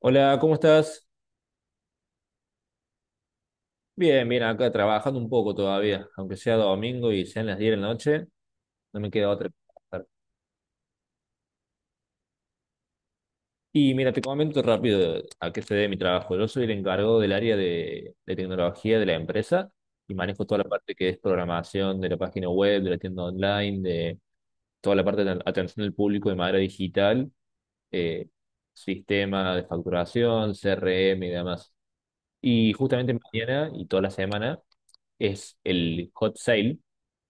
Hola, ¿cómo estás? Bien, bien, acá trabajando un poco todavía, aunque sea domingo y sean las 10 de la noche, no me queda otra que trabajar. Y mira, te comento rápido a qué se debe mi trabajo. Yo soy el encargado del área de tecnología de la empresa y manejo toda la parte que es programación de la página web, de la tienda online, de toda la parte de atención al público de manera digital, eh, sistema de facturación, CRM y demás. Y justamente mañana y toda la semana es el hot sale,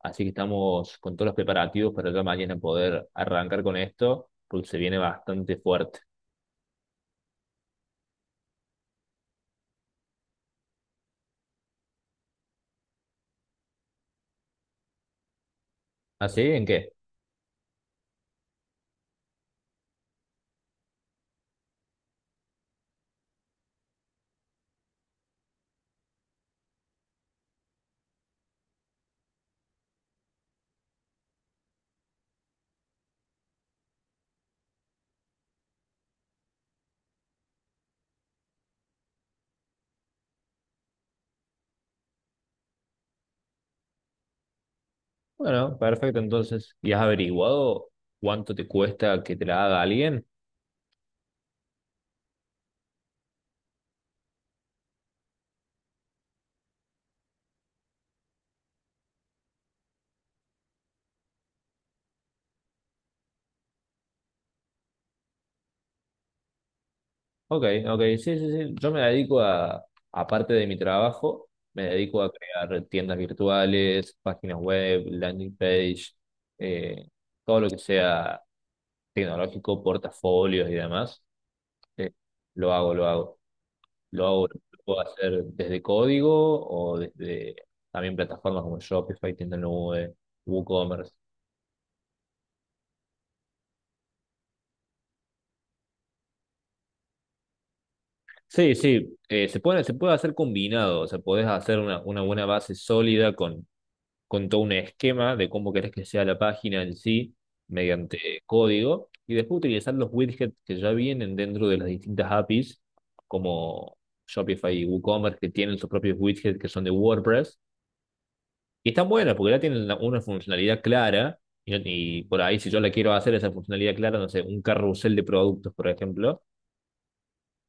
así que estamos con todos los preparativos para ya mañana poder arrancar con esto, porque se viene bastante fuerte. ¿Así? ¿En qué? Bueno, perfecto, entonces. ¿Y has averiguado cuánto te cuesta que te la haga alguien? Ok, ok, sí, sí, sí. Yo me dedico aparte de mi trabajo, me dedico a crear tiendas virtuales, páginas web, landing page, eh, todo lo que sea tecnológico, portafolios y demás. Eh, lo hago, lo hago. Lo puedo hacer desde código o desde también plataformas como Shopify, Tienda Nube, WooCommerce. Sí, sí, se puede hacer combinado, o sea, podés hacer una buena base sólida con todo un esquema de cómo querés que sea la página en sí mediante código y después utilizar los widgets que ya vienen dentro de las distintas APIs como Shopify y WooCommerce que tienen sus propios widgets que son de WordPress. Y está buena porque ya tiene una funcionalidad clara. Y por ahí, si yo la quiero hacer esa funcionalidad clara, no sé, un carrusel de productos, por ejemplo,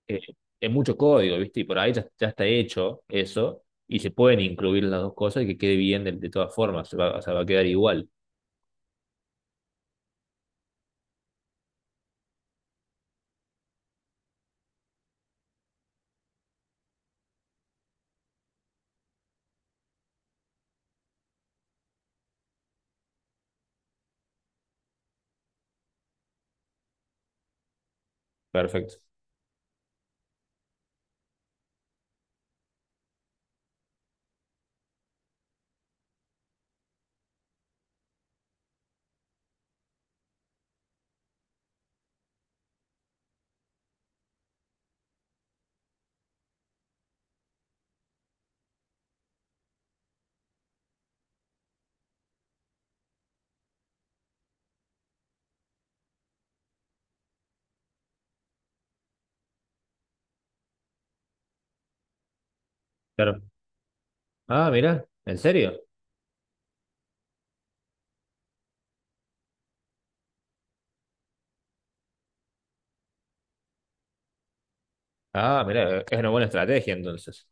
eh, es mucho código, ¿viste? Y por ahí ya está hecho eso. Y se pueden incluir las dos cosas y que quede bien de todas formas. Se va, o sea, va a quedar igual. Perfecto. Claro. Ah, mira, ¿en serio? Ah, mira, es una buena estrategia entonces.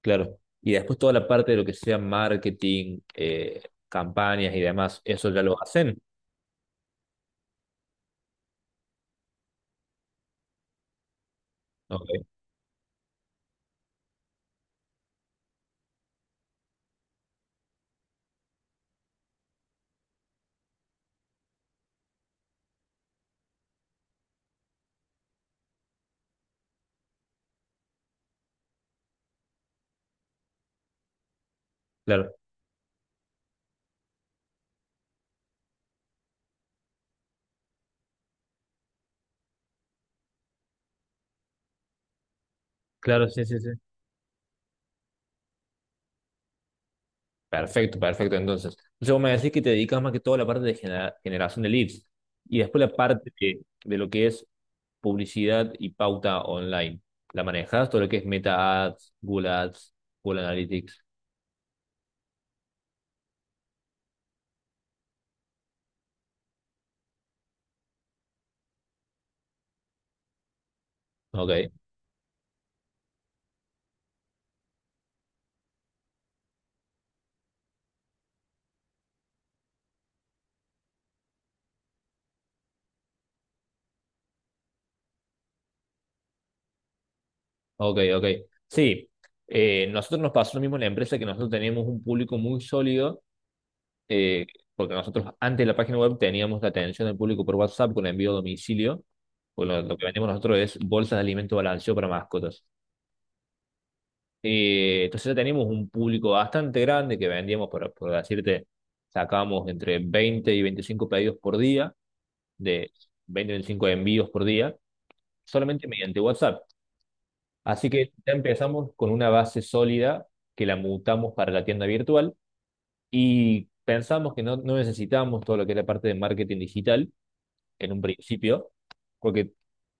Claro. Y después toda la parte de lo que sea marketing, campañas y demás, ¿eso ya lo hacen? Ok, claro, claro, sí, sí, sí. Perfecto, perfecto. Entonces, entonces vos me decís que te dedicas más que todo a la parte de generación de leads y después la parte de lo que es publicidad y pauta online. ¿La manejas? Todo lo que es Meta Ads, Google Ads, Google Analytics. Ok, ok, ok. Sí, nosotros nos pasó lo mismo en la empresa que nosotros teníamos un público muy sólido eh, porque nosotros antes de la página web teníamos la atención del público por WhatsApp con envío a domicilio. Porque lo que vendemos nosotros es bolsas de alimento balanceado para mascotas. Entonces ya teníamos un público bastante grande que vendíamos, por decirte, sacábamos entre 20 y 25 pedidos por día, de 20 y 25 envíos por día, solamente mediante WhatsApp. Así que ya empezamos con una base sólida que la mutamos para la tienda virtual y pensamos que no necesitábamos todo lo que es la parte de marketing digital en un principio, porque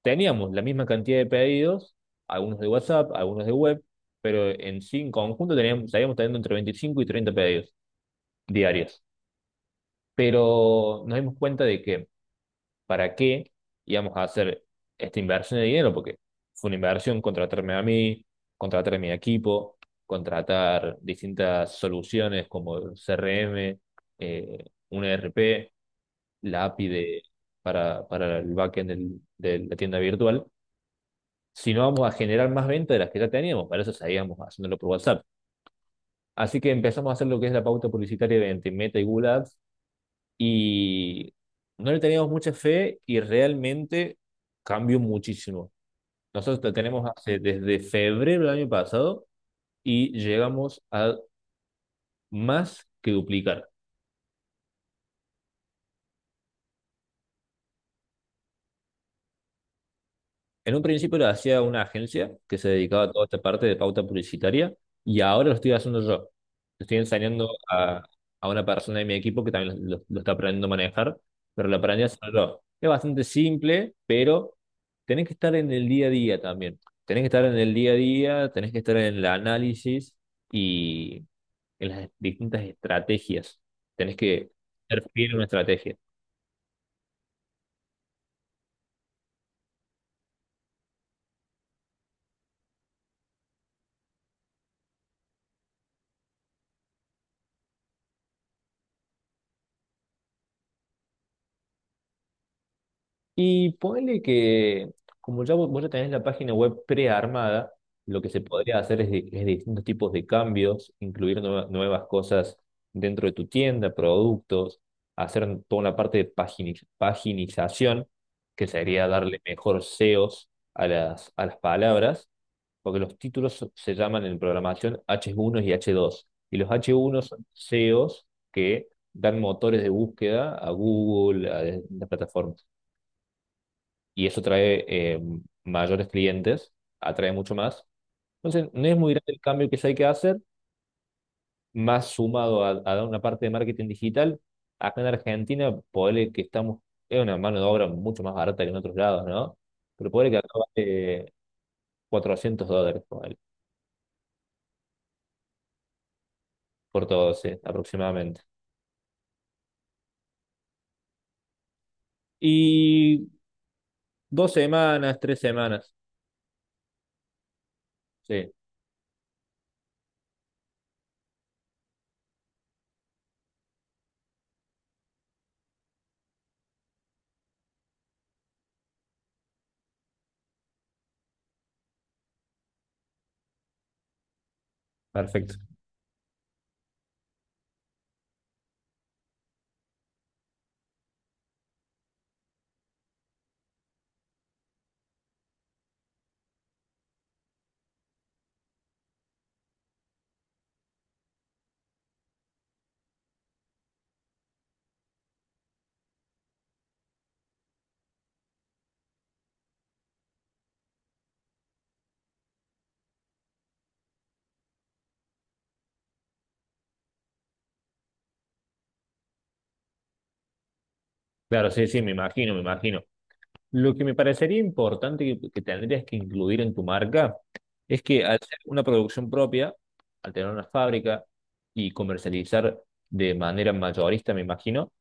teníamos la misma cantidad de pedidos, algunos de WhatsApp, algunos de web, pero en sí, en conjunto teníamos, estaríamos teniendo entre 25 y 30 pedidos diarios. Pero nos dimos cuenta de que para qué íbamos a hacer esta inversión de dinero, porque fue una inversión contratarme a mí, contratar a mi equipo, contratar distintas soluciones como CRM, eh, un ERP, la API para el backend de la tienda virtual, sino vamos a generar más ventas de las que ya teníamos. Para eso seguíamos haciéndolo por WhatsApp. Así que empezamos a hacer lo que es la pauta publicitaria entre Meta y Google Ads y no le teníamos mucha fe y realmente cambió muchísimo. Nosotros tenemos hace, desde febrero del año pasado y llegamos a más que duplicar. En un principio lo hacía una agencia que se dedicaba a toda esta parte de pauta publicitaria y ahora lo estoy haciendo yo. Lo estoy enseñando a una persona de mi equipo que también lo está aprendiendo a manejar, pero lo aprendí a hacer yo. Es bastante simple, pero tenés que estar en el día a día también. Tenés que estar en el día a día, tenés que estar en el análisis y en las distintas estrategias. Tenés que ser fiel a una estrategia. Y ponele que, como ya vos ya tenés la página web prearmada, lo que se podría hacer es, es distintos tipos de cambios, incluir nuevas cosas dentro de tu tienda, productos, hacer toda una parte de paginización, que sería darle mejor SEOs a las palabras, porque los títulos se llaman en programación H1 y H2, y los H1 son SEOs que dan motores de búsqueda a Google, a las plataformas y eso trae mayores clientes, atrae mucho más. Entonces, no es muy grande el cambio que ya hay que hacer, más sumado a una parte de marketing digital. Acá en Argentina, ponele que estamos, es una mano de obra mucho más barata que en otros lados, ¿no? Pero ponele que acá vale $400 ponele, por 12 aproximadamente. Y 2 semanas, 3 semanas. Sí, perfecto. Claro, sí, sí, me imagino, me imagino. Lo que me parecería importante que tendrías que incluir en tu marca es que al ser una producción propia, al tener una fábrica y comercializar de manera mayorista, me imagino,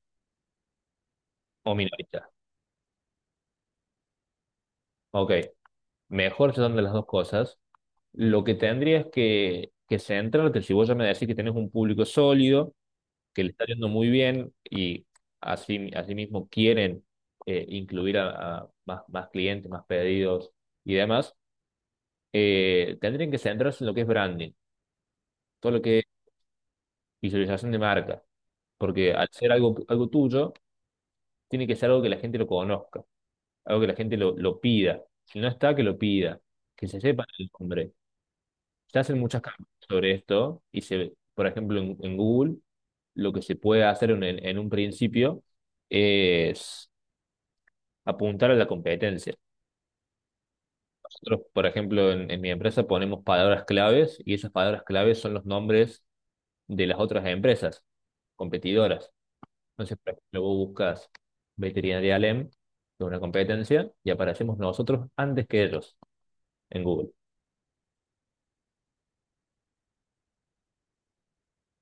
o minorista. Ok, mejor son de las dos cosas. Lo que tendrías que centrarte, si vos ya me decís que tenés un público sólido, que le está yendo muy bien y así, mismo quieren incluir a más clientes, más pedidos y demás, tendrían que centrarse en lo que es branding, todo lo que es visualización de marca. Porque al ser algo tuyo, tiene que ser algo que la gente lo conozca, algo que la gente lo pida. Si no está, que lo pida, que se sepa el nombre. Se hacen muchas campañas sobre esto y se, por ejemplo, en Google, lo que se puede hacer en un principio es apuntar a la competencia. Nosotros, por ejemplo, en mi empresa ponemos palabras claves y esas palabras claves son los nombres de las otras empresas competidoras. Entonces, por ejemplo, vos buscas Veterinaria Alem, que es una competencia, y aparecemos nosotros antes que ellos en Google.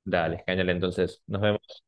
Dale, genial, entonces nos vemos.